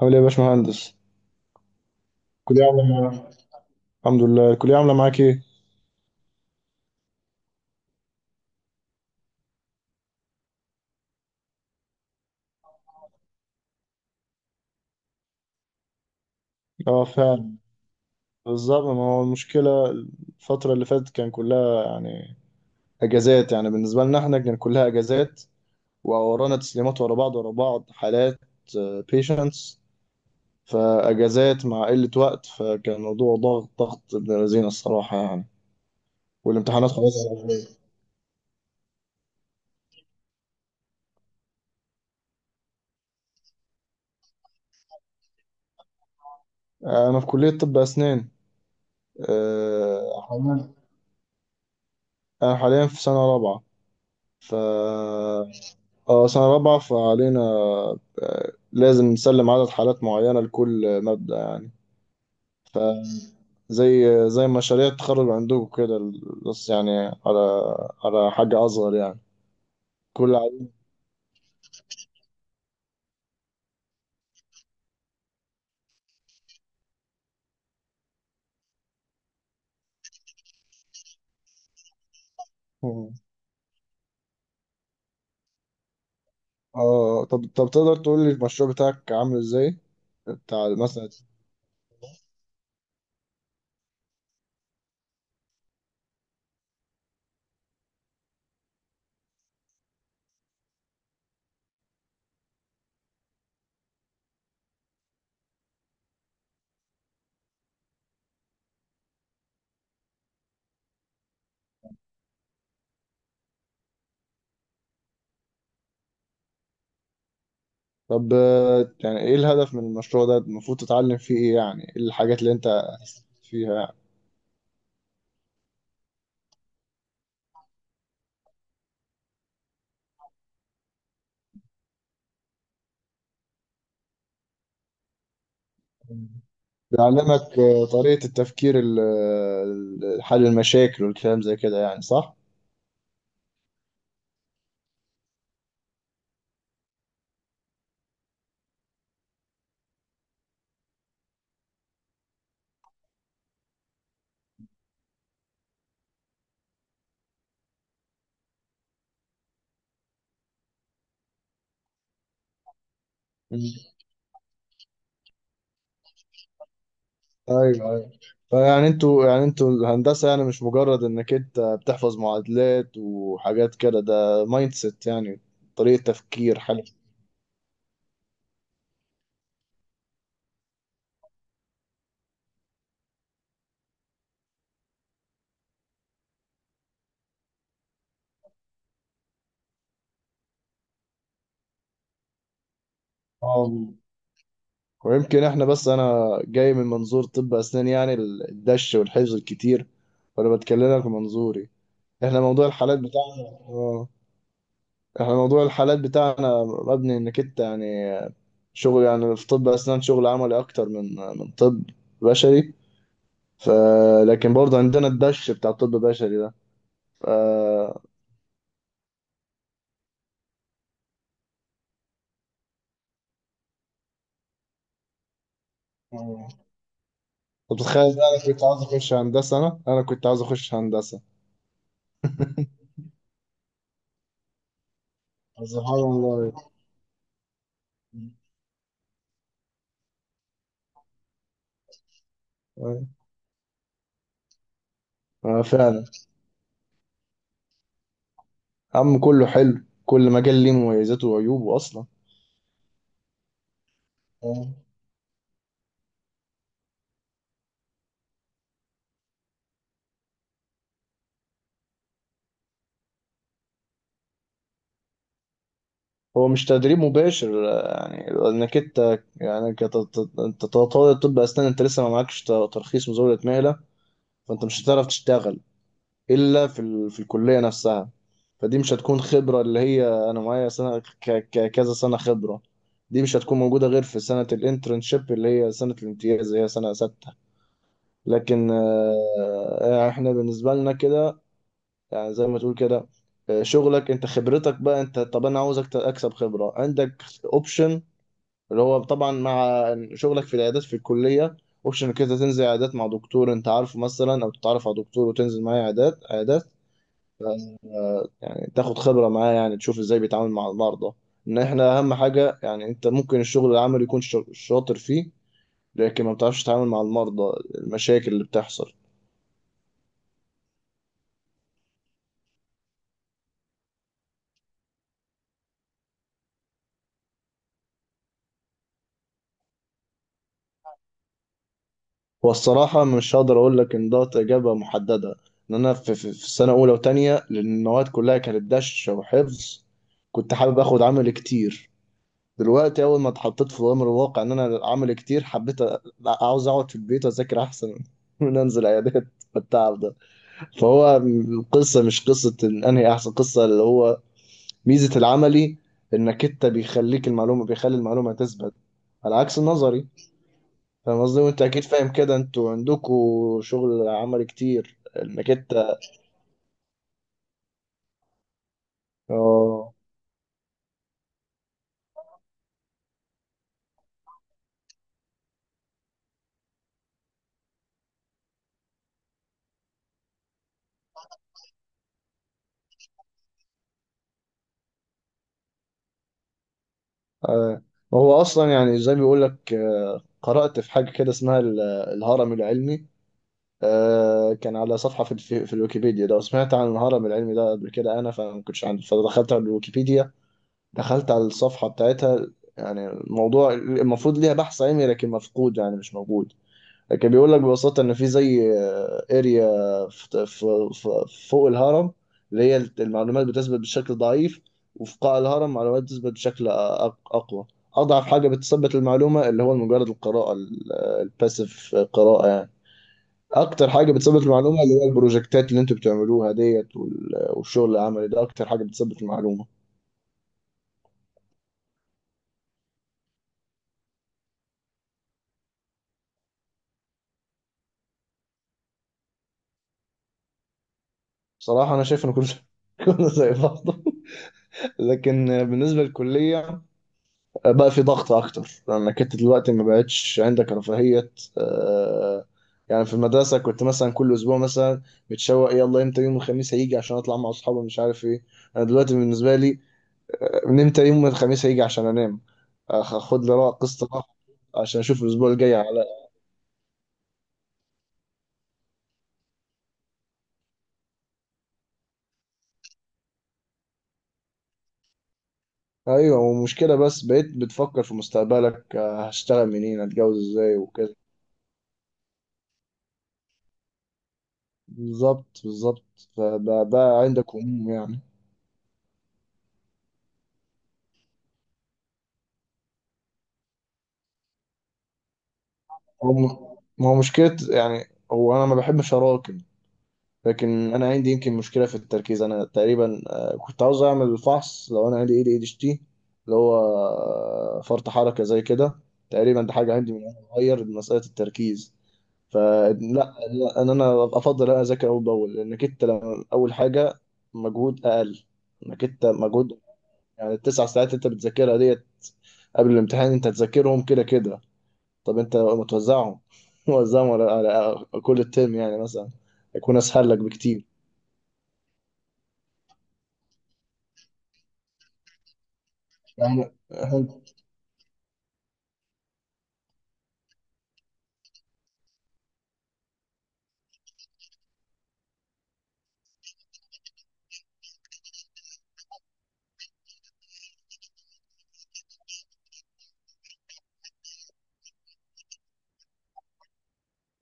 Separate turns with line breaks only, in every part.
عامل ايه يا باشمهندس؟ الكلية عاملة معاك الحمد لله، الكلية عاملة معاك ايه؟ اه فعلا، بالظبط. ما هو المشكلة، الفترة اللي فاتت كان كلها يعني اجازات، يعني بالنسبة لنا احنا كان كلها اجازات، وورانا تسليمات ورا بعض ورا بعض حالات بيشنتس، فاجازات مع قلة وقت، فكان الموضوع ضغط ضغط ابن لذينه الصراحة يعني. والامتحانات خلاص خلاص على خير. انا في كلية طب اسنان. حمد. انا حاليا في سنة رابعة. ف اه سنة رابعة، فعلينا لازم نسلم عدد حالات معينة لكل مادة يعني. فزي مشاريع التخرج عندكم كده، بس يعني على حاجة أصغر يعني. كل عيل. اه، طب تقدر تقول لي المشروع بتاعك عامل ازاي؟ بتاع مثلا. طب يعني ايه الهدف من المشروع ده؟ المفروض تتعلم فيه ايه؟ يعني ايه الحاجات اللي انت هتستفيد فيها يعني؟ بيعلمك طريقة التفكير، حل المشاكل والكلام زي كده، يعني صح؟ مم. ايوه ايوه، فيعني انتوا، يعني انتوا الهندسه يعني مش مجرد انك انت بتحفظ معادلات وحاجات كده، ده مايند سيت يعني، طريقه تفكير حلو. اه، ويمكن احنا بس انا جاي من منظور طب اسنان، يعني الدش والحفظ الكتير، وانا بتكلمك من منظوري. احنا موضوع الحالات بتاعنا، اه، احنا موضوع الحالات بتاعنا مبني انك انت يعني شغل، يعني في طب اسنان شغل عملي اكتر من طب بشري. ف... لكن برضه عندنا الدش بتاع الطب البشري ده. ف... كنت متخيل إن انا كنت عاوز اخش هندسه، انا كنت عاوز اخش هندسه. سبحان الله. أيوة. آه فعلا، عم كله حلو، كل مجال ليه مميزاته وعيوبه اصلا. أيوة. هو مش تدريب مباشر، يعني انك انت يعني كطالب طب اسنان انت لسه ما معكش ترخيص مزاوله مهله، فانت مش هتعرف تشتغل الا في الكليه نفسها. فدي مش هتكون خبره، اللي هي انا معايا سنه كذا سنه خبره. دي مش هتكون موجوده غير في سنه الانترنشيب، اللي هي سنه الامتياز، اللي هي سنه سته. لكن احنا بالنسبه لنا كده، يعني زي ما تقول كده، شغلك انت خبرتك بقى انت، طب انا عاوزك اكسب خبره عندك، اوبشن، اللي هو طبعا مع شغلك في العيادات في الكليه. اوبشن كده تنزل عيادات مع دكتور انت عارفه مثلا، او تتعرف على دكتور وتنزل معاه عيادات عيادات، تاخد خبرة معاه، يعني تشوف ازاي بيتعامل مع المرضى. ان احنا اهم حاجة يعني، انت ممكن الشغل العملي يكون شاطر فيه، لكن ما بتعرفش تتعامل مع المرضى، المشاكل اللي بتحصل. هو الصراحة مش هقدر اقول لك ان ده اجابة محددة. ان انا في السنة اولى وتانية لان المواد كلها كانت دشة وحفظ، كنت حابب اخد عمل كتير. دلوقتي اول ما اتحطيت في امر الواقع ان انا عمل كتير، حبيت عاوز اقعد في البيت واذاكر احسن من انزل عيادات بالتعب ده. فهو القصة مش قصة إن انهي احسن، قصة اللي هو ميزة العملي، انك انت بيخليك المعلومة، بيخلي المعلومة تثبت على عكس النظري. فاهم قصدي؟ وانت اكيد فاهم كده، انتوا عندكوا شغل عملي كتير انك انت. اه. آه. وهو اصلا يعني زي ما بيقول لك، قرأت في حاجة كده اسمها الهرم العلمي. كان على صفحة في في الويكيبيديا ده، وسمعت عن الهرم العلمي ده قبل كده انا، فما كنتش عندي فدخلت على الويكيبيديا، دخلت على الصفحة بتاعتها. يعني الموضوع المفروض ليها بحث علمي لكن مفقود، يعني مش موجود. لكن بيقول لك ببساطة إن في زي اريا في فوق الهرم، اللي هي المعلومات بتثبت بشكل ضعيف، وفي قاع الهرم معلومات بتثبت بشكل أقوى. أضعف حاجة بتثبت المعلومة اللي هو مجرد القراءة، الباسيف قراءة يعني. أكتر حاجة بتثبت المعلومة اللي هي البروجكتات اللي أنتوا بتعملوها ديت، والشغل العملي ده أكتر حاجة بتثبت المعلومة. بصراحة أنا شايف إن كل كنا زي بعض، لكن بالنسبة للكلية بقى في ضغط أكتر، لأنك أنت دلوقتي ما بقتش عندك رفاهية. آه، يعني في المدرسة كنت مثلا كل أسبوع مثلا متشوق، يلا إمتى يوم الخميس هيجي عشان أطلع مع أصحابي مش عارف إيه. أنا دلوقتي بالنسبة لي، من إمتى يوم الخميس هيجي عشان أنام، أخد لي قسط راحة عشان أشوف الأسبوع الجاي على. أيوة، ومشكلة بس بقيت بتفكر في مستقبلك، هشتغل منين، هتجوز إزاي وكده. بالظبط بالظبط. فده عندك عموم يعني. هو ما هو مشكلة يعني، هو أنا ما بحبش أراكم، لكن أنا عندي يمكن مشكلة في التركيز. أنا تقريبا كنت عاوز أعمل الفحص لو أنا عندي ADHD، اللي هو فرط حركة زي كده، تقريبا ده حاجة عندي من وأنا صغير، مسألة التركيز. فلا لا، إن أنا أفضل أنا أذاكر أول بأول، لأنك أنت أول حاجة مجهود أقل، إنك أنت مجهود يعني، التسع ساعات أنت بتذاكرها ديت قبل الامتحان انت هتذاكرهم كده كده، طب انت متوزعهم موزعهم على كل الترم، يعني مثلا هيكون اسهل لك بكتير يعني،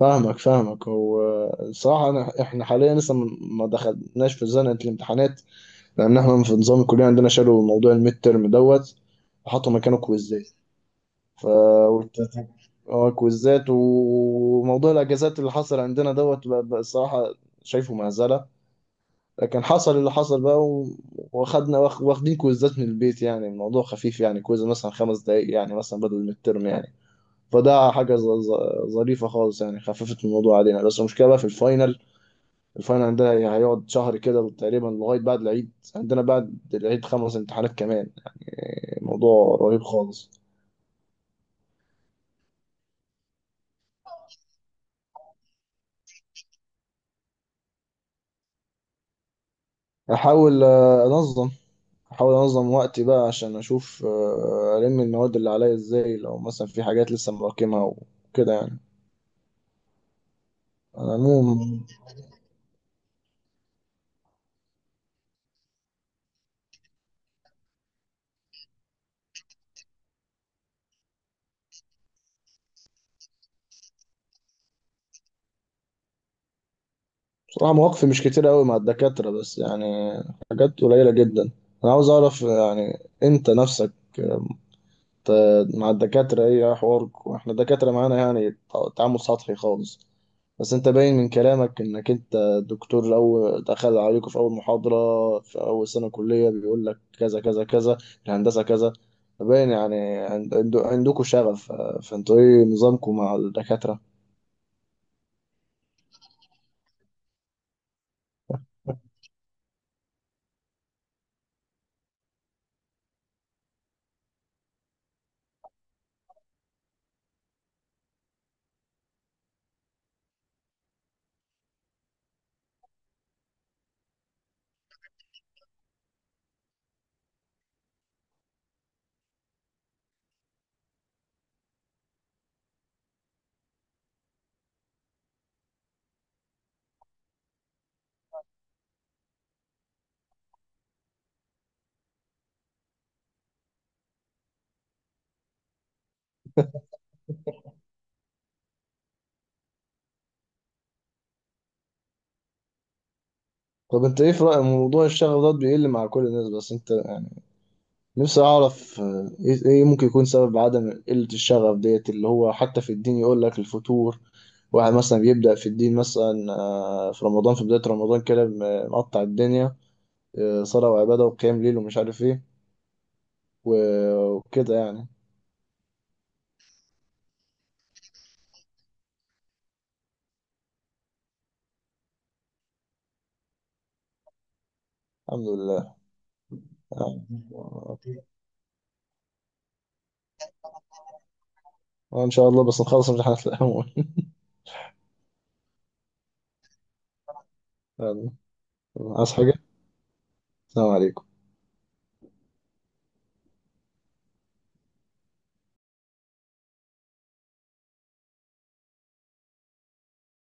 فاهمك فاهمك. هو الصراحة إحنا حاليا لسه ما دخلناش في زنقة الامتحانات، لأن إحنا في نظام الكلية عندنا شالوا موضوع الميد ترم دوت وحطوا مكانه كويزات. ف والت- اه كويزات، وموضوع الأجازات اللي حصل عندنا دوت، بقى الصراحة شايفه مهزلة، لكن حصل اللي حصل بقى واخدين كويزات من البيت، يعني الموضوع خفيف، يعني كويز مثلا 5 دقايق يعني، مثلا بدل من الترم يعني. فده حاجة ظريفة خالص، يعني خففت الموضوع علينا، بس المشكلة بقى في الفاينل. الفاينل ده هيقعد شهر كده تقريبا لغاية بعد العيد، عندنا بعد العيد 5 امتحانات كمان، يعني موضوع رهيب خالص. أحاول أنظم، أحاول أنظم وقتي بقى عشان أشوف ألم المواد اللي عليا إزاي، لو مثلا في حاجات لسه مراكمها وكده يعني، على العموم. بصراحة مواقفي مش كتير قوي مع الدكاترة، بس يعني حاجات قليلة جدا. أنا عاوز أعرف يعني أنت نفسك ت- مع الدكاترة إيه حوارك. وإحنا الدكاترة معانا يعني تعامل سطحي خالص، بس أنت باين من كلامك إنك أنت الدكتور أول دخل عليكم في أول محاضرة في أول سنة كلية بيقول لك كذا كذا كذا، الهندسة كذا، باين يعني عندكم شغف، فأنتوا إيه نظامكم مع الدكاترة؟ طب أنت إيه في رأيك؟ موضوع الشغف ده بيقل مع كل الناس، بس أنت نفسي أعرف إيه ممكن يكون سبب عدم قلة الشغف ديت، اللي هو حتى في الدين يقول لك الفتور. واحد مثلا بيبدأ في الدين مثلا في رمضان، في بداية رمضان كده مقطع الدنيا، صلاة وعبادة وقيام ليل ومش عارف إيه وكده يعني. الحمد لله. آه، إن شاء الله بس نخلص امتحانات الأول. يلا. عايز حاجة؟ السلام عليكم.